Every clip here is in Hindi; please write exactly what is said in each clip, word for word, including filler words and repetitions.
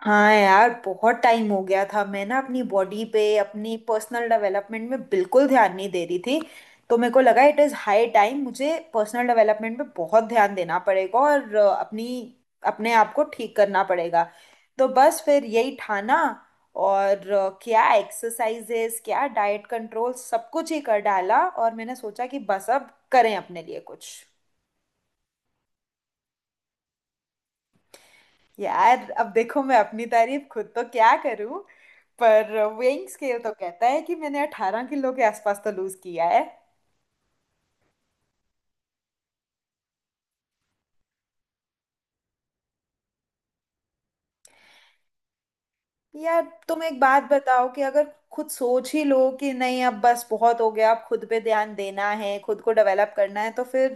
हाँ यार, बहुत टाइम हो गया था। मैं ना अपनी बॉडी पे, अपनी पर्सनल डेवलपमेंट में बिल्कुल ध्यान नहीं दे रही थी। तो मेरे को लगा इट इज़ हाई टाइम, मुझे पर्सनल डेवलपमेंट पे बहुत ध्यान देना पड़ेगा और अ, अपनी अपने आप को ठीक करना पड़ेगा। तो बस फिर यही ठाना। और अ, क्या एक्सरसाइजेस, क्या डाइट कंट्रोल, सब कुछ ही कर डाला। और मैंने सोचा कि बस अब करें अपने लिए कुछ। यार अब देखो, मैं अपनी तारीफ खुद तो क्या करूं, पर वेइंग स्केल तो कहता है कि मैंने अठारह किलो के आसपास तो लूज किया है। यार तुम एक बात बताओ, कि अगर खुद सोच ही लो कि नहीं, अब बस बहुत हो गया, अब खुद पे ध्यान देना है, खुद को डेवलप करना है, तो फिर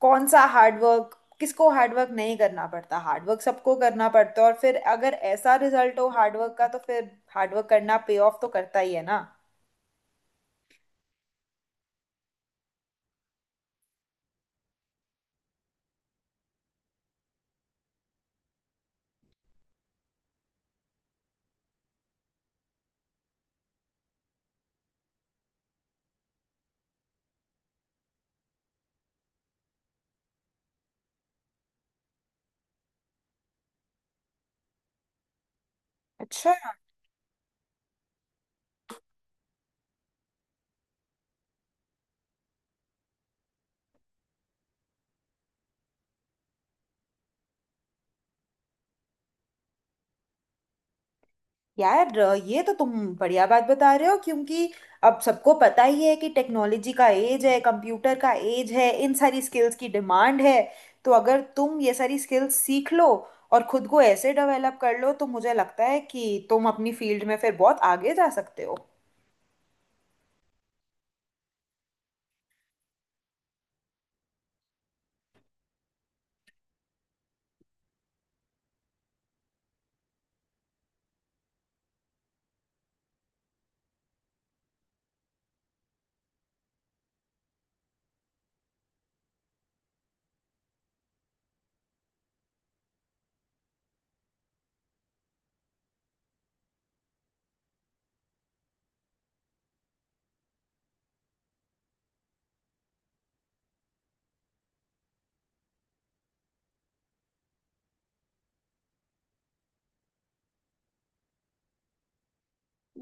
कौन सा हार्डवर्क? किसको हार्डवर्क नहीं करना पड़ता? हार्डवर्क सबको करना पड़ता है। और फिर अगर ऐसा रिजल्ट हो हार्डवर्क का तो फिर हार्डवर्क करना पे ऑफ तो करता ही है ना। अच्छा यार, ये तो तुम बढ़िया बात बता रहे हो, क्योंकि अब सबको पता ही है कि टेक्नोलॉजी का एज है, कंप्यूटर का एज है, इन सारी स्किल्स की डिमांड है। तो अगर तुम ये सारी स्किल्स सीख लो और खुद को ऐसे डेवलप कर लो, तो मुझे लगता है कि तुम अपनी फील्ड में फिर बहुत आगे जा सकते हो।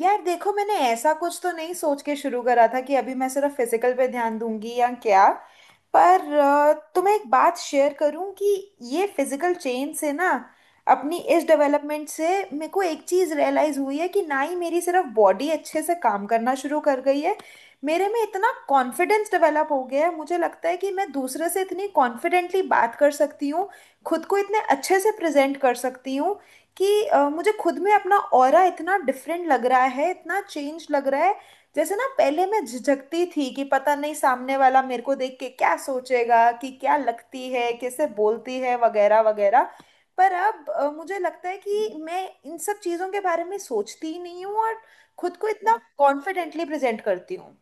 यार देखो, मैंने ऐसा कुछ तो नहीं सोच के शुरू करा था कि अभी मैं सिर्फ फिजिकल पे ध्यान दूंगी या क्या। पर अ, तुम्हें एक बात शेयर करूं, कि ये फिजिकल चेंज से ना, अपनी इस डेवलपमेंट से, मेरे को एक चीज़ रियलाइज़ हुई है कि ना ही मेरी सिर्फ बॉडी अच्छे से काम करना शुरू कर गई है, मेरे में इतना कॉन्फिडेंस डेवलप हो गया है। मुझे लगता है कि मैं दूसरे से इतनी कॉन्फिडेंटली बात कर सकती हूँ, खुद को इतने अच्छे से प्रेजेंट कर सकती हूँ, कि अ, मुझे खुद में अपना ऑरा इतना डिफरेंट लग रहा है, इतना चेंज लग रहा है। जैसे ना, पहले मैं झिझकती थी कि पता नहीं सामने वाला मेरे को देख के क्या सोचेगा, कि क्या लगती है, कैसे बोलती है, वगैरह वगैरह। पर अब अ, मुझे लगता है कि मैं इन सब चीज़ों के बारे में सोचती ही नहीं हूँ, और खुद को इतना कॉन्फिडेंटली प्रेजेंट करती हूँ।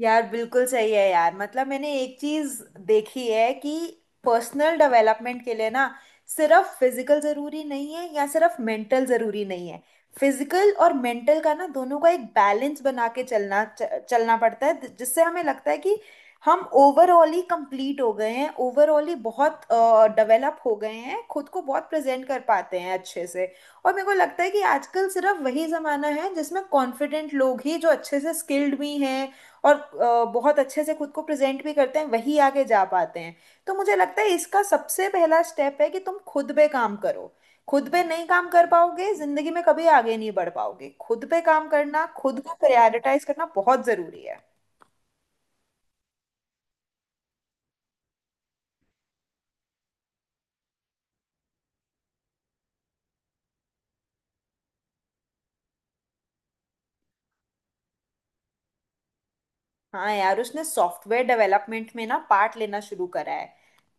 यार बिल्कुल सही है यार। मतलब मैंने एक चीज देखी है कि पर्सनल डेवलपमेंट के लिए ना, सिर्फ फिजिकल जरूरी नहीं है, या सिर्फ मेंटल जरूरी नहीं है। फिजिकल और मेंटल का ना, दोनों का एक बैलेंस बना के चलना च, चलना पड़ता है, जिससे हमें लगता है कि हम ओवरऑल ही कंप्लीट हो गए हैं, ओवरऑल ही बहुत डेवलप हो गए हैं, खुद को बहुत प्रेजेंट कर पाते हैं अच्छे से। और मेरे को लगता है कि आजकल सिर्फ वही जमाना है जिसमें कॉन्फिडेंट लोग ही, जो अच्छे से स्किल्ड भी हैं और अ, बहुत अच्छे से खुद को प्रेजेंट भी करते हैं, वही आगे जा पाते हैं। तो मुझे लगता है इसका सबसे पहला स्टेप है कि तुम खुद पे काम करो। खुद पे नहीं काम कर पाओगे, जिंदगी में कभी आगे नहीं बढ़ पाओगे। खुद पे काम करना, खुद को प्रायोरिटाइज करना बहुत जरूरी है। हाँ यार, उसने सॉफ्टवेयर डेवलपमेंट में ना पार्ट लेना शुरू करा है।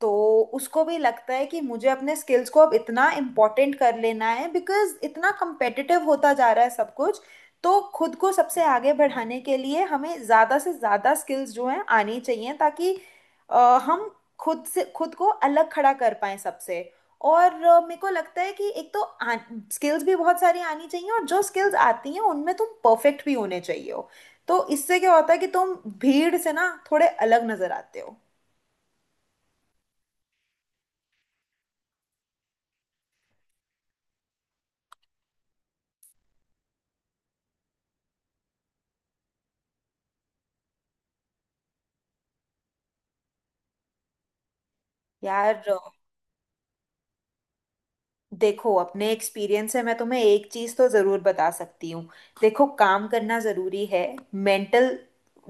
तो उसको भी लगता है कि मुझे अपने स्किल्स को अब इतना इम्पोर्टेंट कर लेना है, बिकॉज इतना competitive होता जा रहा है सब कुछ। तो खुद को सबसे आगे बढ़ाने के लिए हमें ज़्यादा से ज़्यादा स्किल्स जो हैं आनी चाहिए, ताकि अ, हम खुद से खुद को अलग खड़ा कर पाएं सबसे। और अ, मेरे को लगता है कि एक तो स्किल्स भी बहुत सारी आनी चाहिए, और जो स्किल्स आती हैं उनमें तुम परफेक्ट भी होने चाहिए। तो इससे क्या होता है कि तुम भीड़ से ना, थोड़े अलग नजर आते हो। यार देखो, अपने एक्सपीरियंस से मैं तुम्हें एक चीज़ तो ज़रूर बता सकती हूँ। देखो, काम करना ज़रूरी है, मेंटल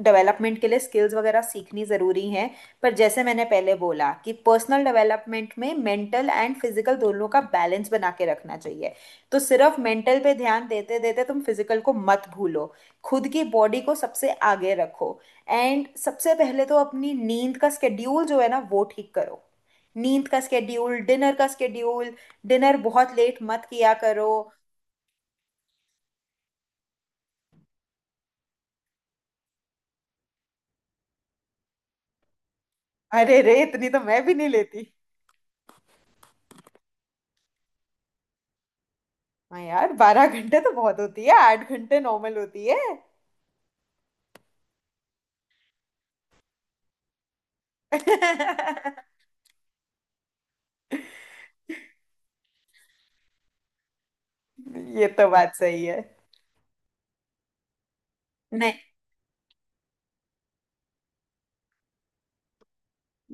डेवलपमेंट के लिए स्किल्स वगैरह सीखनी ज़रूरी हैं। पर जैसे मैंने पहले बोला कि पर्सनल डेवलपमेंट में मेंटल एंड फिजिकल दोनों का बैलेंस बना के रखना चाहिए। तो सिर्फ मेंटल पे ध्यान देते देते तुम फिजिकल को मत भूलो। खुद की बॉडी को सबसे आगे रखो। एंड सबसे पहले तो अपनी नींद का स्केड्यूल जो है ना, वो ठीक करो। नींद का स्केड्यूल, डिनर का स्केड्यूल। डिनर बहुत लेट मत किया करो। अरे रे, इतनी तो मैं भी नहीं लेती। हाँ यार, बारह घंटे तो बहुत होती है, आठ घंटे नॉर्मल होती है। ये तो बात सही है। नहीं।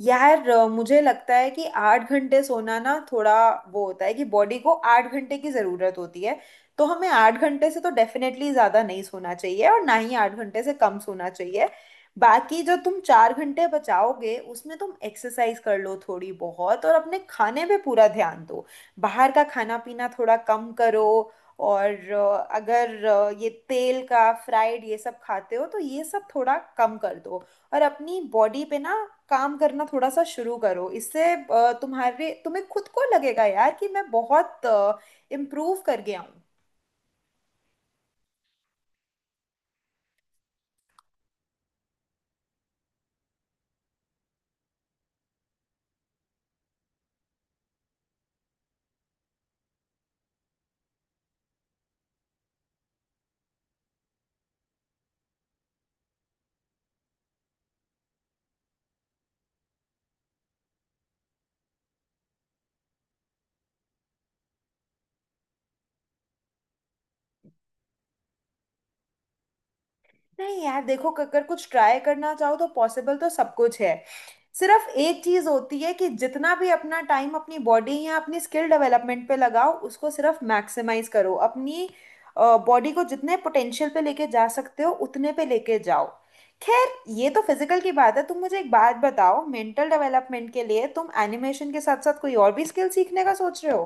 यार अ, मुझे लगता है कि आठ घंटे सोना ना, थोड़ा वो होता है कि बॉडी को आठ घंटे की ज़रूरत होती है। तो हमें आठ घंटे से तो डेफिनेटली ज़्यादा नहीं सोना चाहिए, और ना ही आठ घंटे से कम सोना चाहिए। बाकी जो तुम चार घंटे बचाओगे, उसमें तुम एक्सरसाइज कर लो थोड़ी बहुत, और अपने खाने पे पूरा ध्यान दो। बाहर का खाना पीना थोड़ा कम करो। और अ, अगर अ, ये तेल का फ्राइड, ये सब खाते हो, तो ये सब थोड़ा कम कर दो। और अपनी बॉडी पे ना, काम करना थोड़ा सा शुरू करो। इससे अ, तुम्हारे तुम्हें खुद को लगेगा यार कि मैं बहुत इम्प्रूव कर गया हूँ। नहीं यार देखो, अगर कुछ ट्राई करना चाहो तो पॉसिबल तो सब कुछ है। सिर्फ एक चीज होती है कि जितना भी अपना टाइम अपनी बॉडी या अपनी स्किल डेवलपमेंट पे लगाओ, उसको सिर्फ मैक्सिमाइज करो। अपनी बॉडी को जितने पोटेंशियल पे लेके जा सकते हो, उतने पे लेके जाओ। खैर, ये तो फिजिकल की बात है। तुम मुझे एक बात बताओ, मेंटल डेवलपमेंट के लिए तुम एनिमेशन के साथ साथ कोई और भी स्किल सीखने का सोच रहे हो?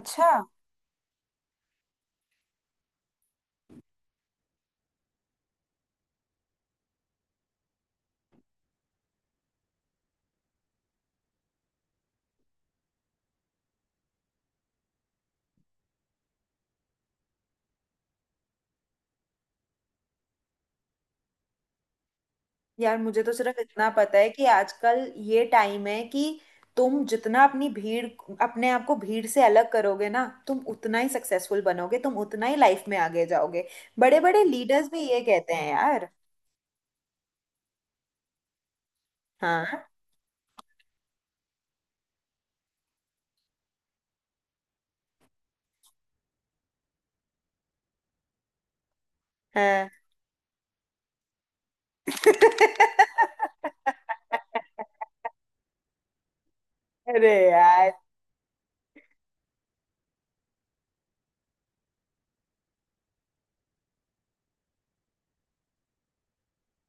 अच्छा। यार मुझे तो सिर्फ इतना पता है कि आजकल ये टाइम है कि तुम जितना अपनी भीड़, अपने आप को भीड़ से अलग करोगे ना, तुम उतना ही सक्सेसफुल बनोगे, तुम उतना ही लाइफ में आगे जाओगे। बड़े बड़े लीडर्स भी ये कहते हैं यार। हाँ हाँ। अरे यार,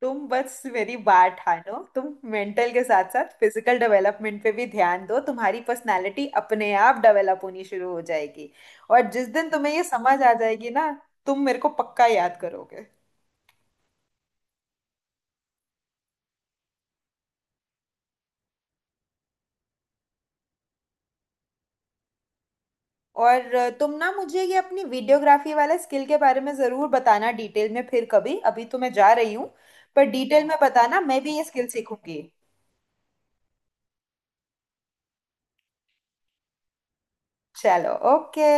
तुम बस मेरी बात ठानो, तुम मेंटल के साथ साथ फिजिकल डेवलपमेंट पे भी ध्यान दो, तुम्हारी पर्सनालिटी अपने आप डेवलप होनी शुरू हो जाएगी। और जिस दिन तुम्हें ये समझ आ जाएगी ना, तुम मेरे को पक्का याद करोगे। और अ, तुम ना मुझे ये अपनी वीडियोग्राफी वाले स्किल के बारे में ज़रूर बताना डिटेल में, फिर कभी। अभी तो मैं जा रही हूँ, पर डिटेल में बताना, मैं भी ये स्किल सीखूंगी। चलो ओके।